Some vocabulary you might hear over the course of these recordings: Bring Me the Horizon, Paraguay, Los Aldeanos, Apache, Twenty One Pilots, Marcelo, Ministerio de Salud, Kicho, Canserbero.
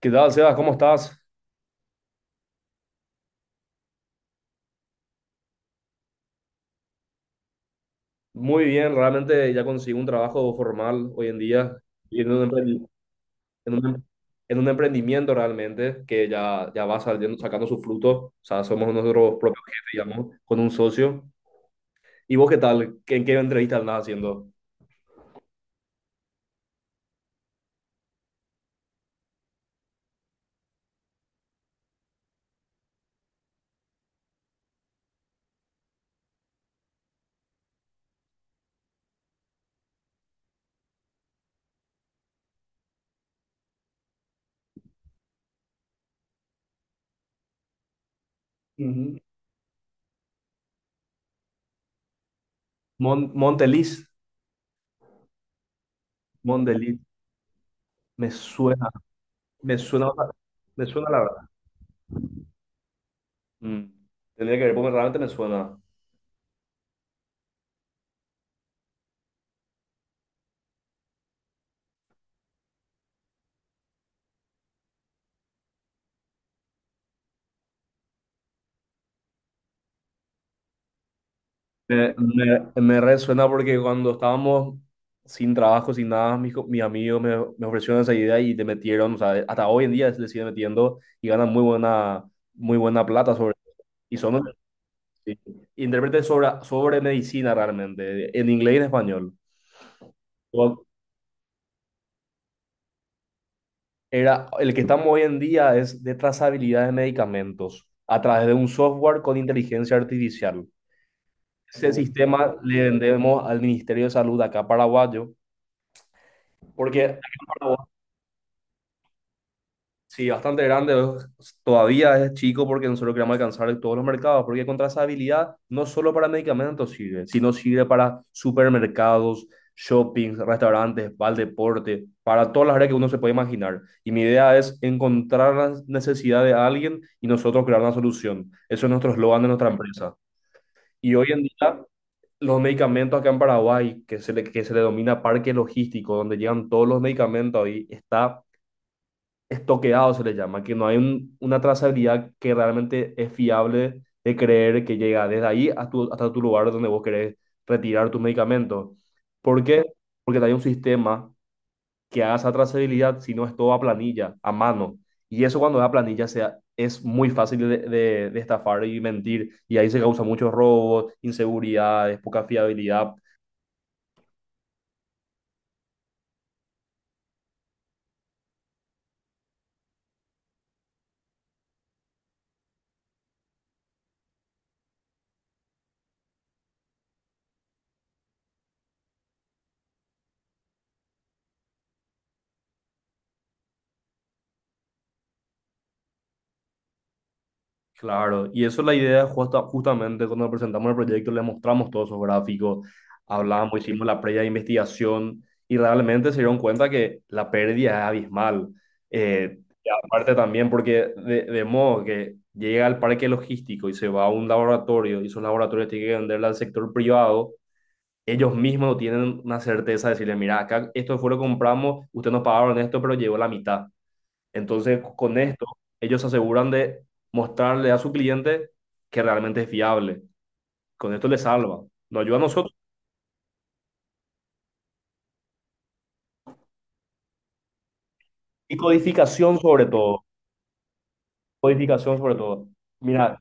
¿Qué tal, Sebas? ¿Cómo estás? Muy bien, realmente ya conseguí un trabajo formal hoy en día y en un em- en un emprendimiento realmente que ya va saliendo, sacando su fruto. O sea, somos nuestros propios jefes, digamos, con un socio. ¿Y vos qué tal? ¿En qué entrevista andás haciendo? Ujú. Mon- Monteliz, Monteliz, me suena, me suena, me suena la verdad. Mm. Tendría que ver, porque realmente me suena. Me resuena porque cuando estábamos sin trabajo, sin nada, mis amigos me ofrecieron esa idea y te metieron, o sea, hasta hoy en día le siguen metiendo y ganan muy buena plata sobre, y son sí, intérpretes sobre medicina realmente, en inglés y en español. Yo- Era, el que estamos hoy en día es de trazabilidad de medicamentos a través de un software con inteligencia artificial. Ese sistema le vendemos al Ministerio de Salud acá paraguayo, porque... Sí, bastante grande, todavía es chico porque nosotros queremos alcanzar todos los mercados, porque contra esa habilidad no solo para medicamentos sirve, sino sirve para supermercados, shoppings, restaurantes, para el deporte, para todas las áreas que uno se puede imaginar. Y mi idea es encontrar la necesidad de alguien y nosotros crear una solución. Eso es nuestro eslogan de nuestra empresa. Y hoy en día, los medicamentos acá en Paraguay, que se le denomina parque logístico, donde llegan todos los medicamentos ahí, está estoqueado se le llama, que no hay un- una trazabilidad que realmente es fiable de creer que llega desde ahí a hasta tu lugar donde vos querés retirar tus medicamentos. ¿Por qué? Porque no hay un sistema que haga esa trazabilidad si no es todo a planilla, a mano. Y eso cuando es a planilla es muy fácil de estafar y mentir. Y ahí se causan muchos robos, inseguridades, poca fiabilidad. Claro, y eso es la idea justamente cuando presentamos el proyecto, les mostramos todos esos gráficos, hablamos, hicimos la previa investigación y realmente se dieron cuenta que la pérdida es abismal. Eh, y aparte también porque de modo que llega al parque logístico y se va a un laboratorio y esos laboratorios tienen que venderle al sector privado, ellos mismos no tienen una certeza de decirle, mira, acá esto fue lo que compramos, ustedes nos pagaron esto, pero llegó la mitad. Entonces, con esto, ellos se aseguran de mostrarle a su cliente que realmente es fiable. Con esto le salva. Nos ayuda a nosotros. Y codificación sobre todo. Codificación sobre todo. Mira,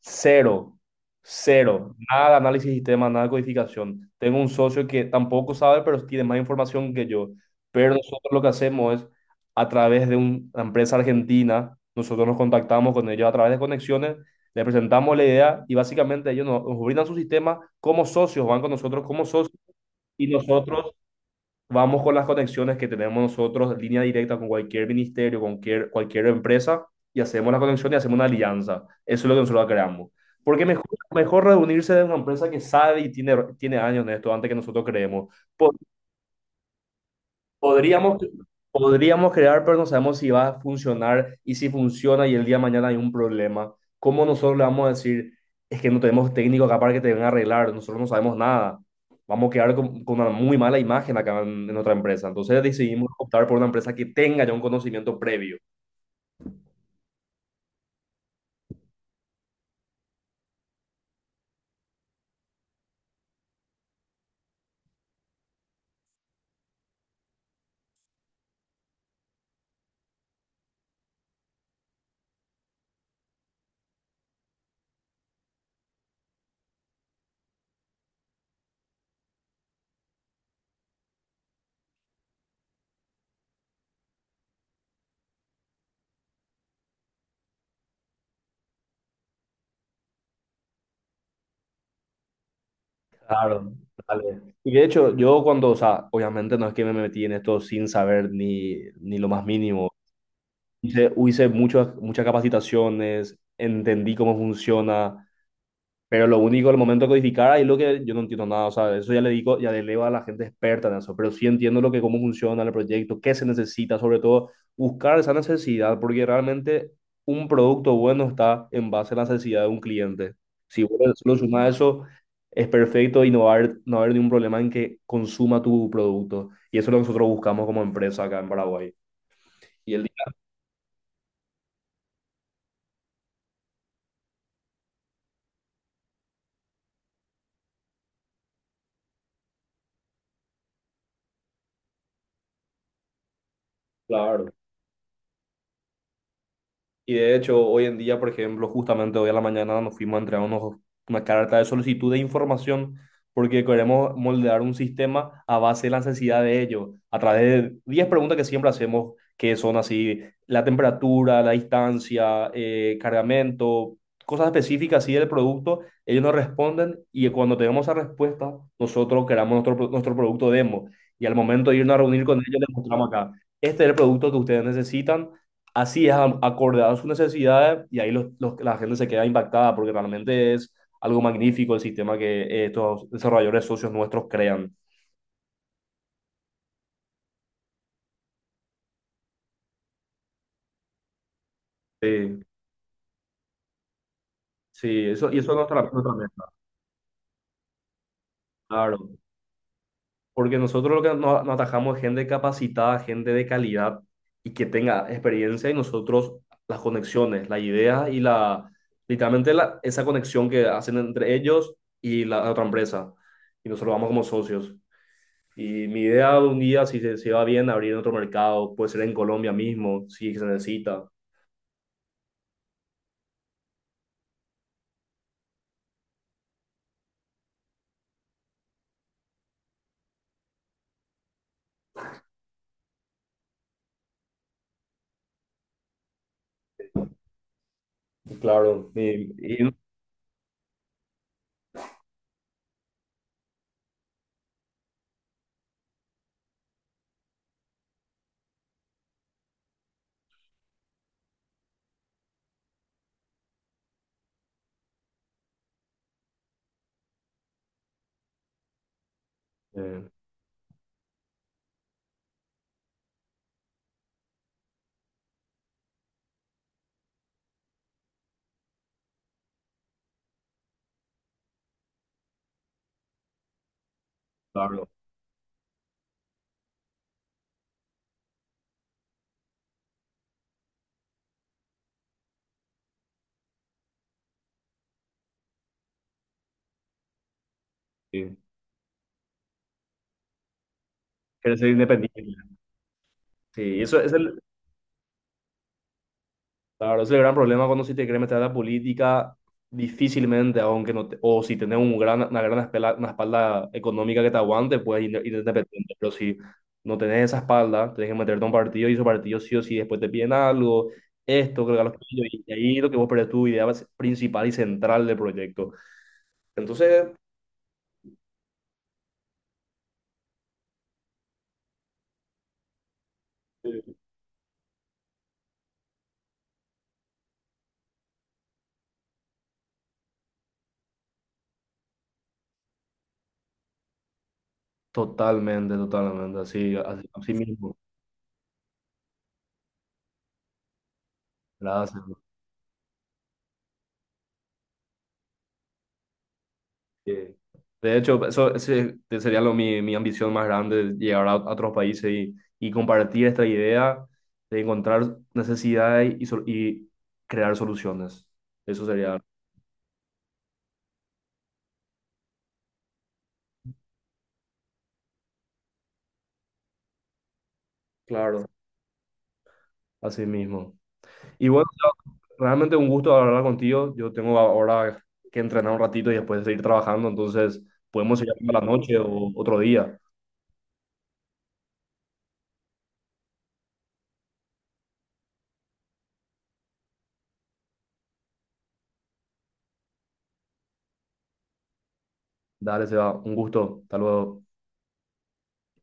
cero, cero, nada de análisis de sistema, nada de codificación. Tengo un socio que tampoco sabe, pero tiene más información que yo. Pero nosotros lo que hacemos es, a través de una empresa argentina, nosotros nos contactamos con ellos a través de conexiones, les presentamos la idea y básicamente ellos nos brindan su sistema como socios, van con nosotros como socios y nosotros vamos con las conexiones que tenemos nosotros, línea directa con cualquier ministerio, con cualquier empresa, y hacemos la conexión y hacemos una alianza. Eso es lo que nosotros creamos. Porque mejor reunirse de una empresa que sabe y tiene años en esto antes que nosotros creemos. Podríamos, podríamos crear, pero no sabemos si va a funcionar y si funciona y el día de mañana hay un problema. ¿Cómo nosotros le vamos a decir, es que no tenemos técnico acá para que te vengan a arreglar? Nosotros no sabemos nada. Vamos a quedar con una muy mala imagen acá en otra empresa. Entonces decidimos optar por una empresa que tenga ya un conocimiento previo. Claro, vale. Y de hecho, yo cuando, o sea, obviamente no es que me metí en esto sin saber ni lo más mínimo. Hice muchas, muchas capacitaciones, entendí cómo funciona. Pero lo único, el momento de codificar, ahí lo que yo no entiendo nada, o sea, eso ya le digo, ya le leo a la gente experta en eso, pero sí entiendo lo que, cómo funciona el proyecto, qué se necesita, sobre todo buscar esa necesidad, porque realmente un producto bueno está en base a la necesidad de un cliente. Si solo sumás eso, es perfecto y no va a haber ningún problema en que consuma tu producto. Y eso es lo que nosotros buscamos como empresa acá en Paraguay. Y el día, claro. Y de hecho, hoy en día, por ejemplo, justamente hoy a la mañana nos fuimos a entregar una carta de solicitud de información porque queremos moldear un sistema a base de la necesidad de ello, a través de 10 preguntas que siempre hacemos, que son así, la temperatura, la distancia, cargamento, cosas específicas así del producto, ellos nos responden y cuando tenemos esa respuesta, nosotros creamos nuestro producto demo. Y al momento de irnos a reunir con ellos, les mostramos acá, este es el producto que ustedes necesitan. Así es, acorde a sus necesidades y ahí la gente se queda impactada porque realmente es algo magnífico el sistema que estos desarrolladores socios nuestros crean. Sí, sí, eso, y eso es nuestra meta, claro. Porque nosotros lo que nos atajamos es gente capacitada, gente de calidad y que tenga experiencia y nosotros las conexiones, las ideas y la, literalmente la, esa conexión que hacen entre ellos y la otra empresa. Y nosotros vamos como socios. Y mi idea de un día, si se va bien, abrir en otro mercado, puede ser en Colombia mismo, si se necesita. Claro. Y- eh, claro, sí. Quiere ser independiente. Sí, eso es. Claro, ese es el gran problema cuando si te quieres meter a la política, difícilmente, aunque o si tenés un gran, una gran espela- una espalda económica que te aguante, puedes ir independiente. Pero si no tenés esa espalda, tenés que meterte a un partido y esos partidos sí o sí después te piden algo, esto, creo que los pillos, y ahí lo que vos perdés tu idea principal y central del proyecto. Entonces, totalmente, totalmente, así, así, así mismo. Gracias. Eh, De hecho, eso ese sería mi ambición más grande, llegar a otros países y, compartir esta idea de encontrar necesidades y crear soluciones. Eso sería, claro, así mismo. Y bueno, realmente un gusto hablar contigo. Yo tengo ahora que entrenar un ratito y después seguir trabajando, entonces podemos seguir hablando a la noche o otro día. Dale, Seba, un gusto. Hasta luego.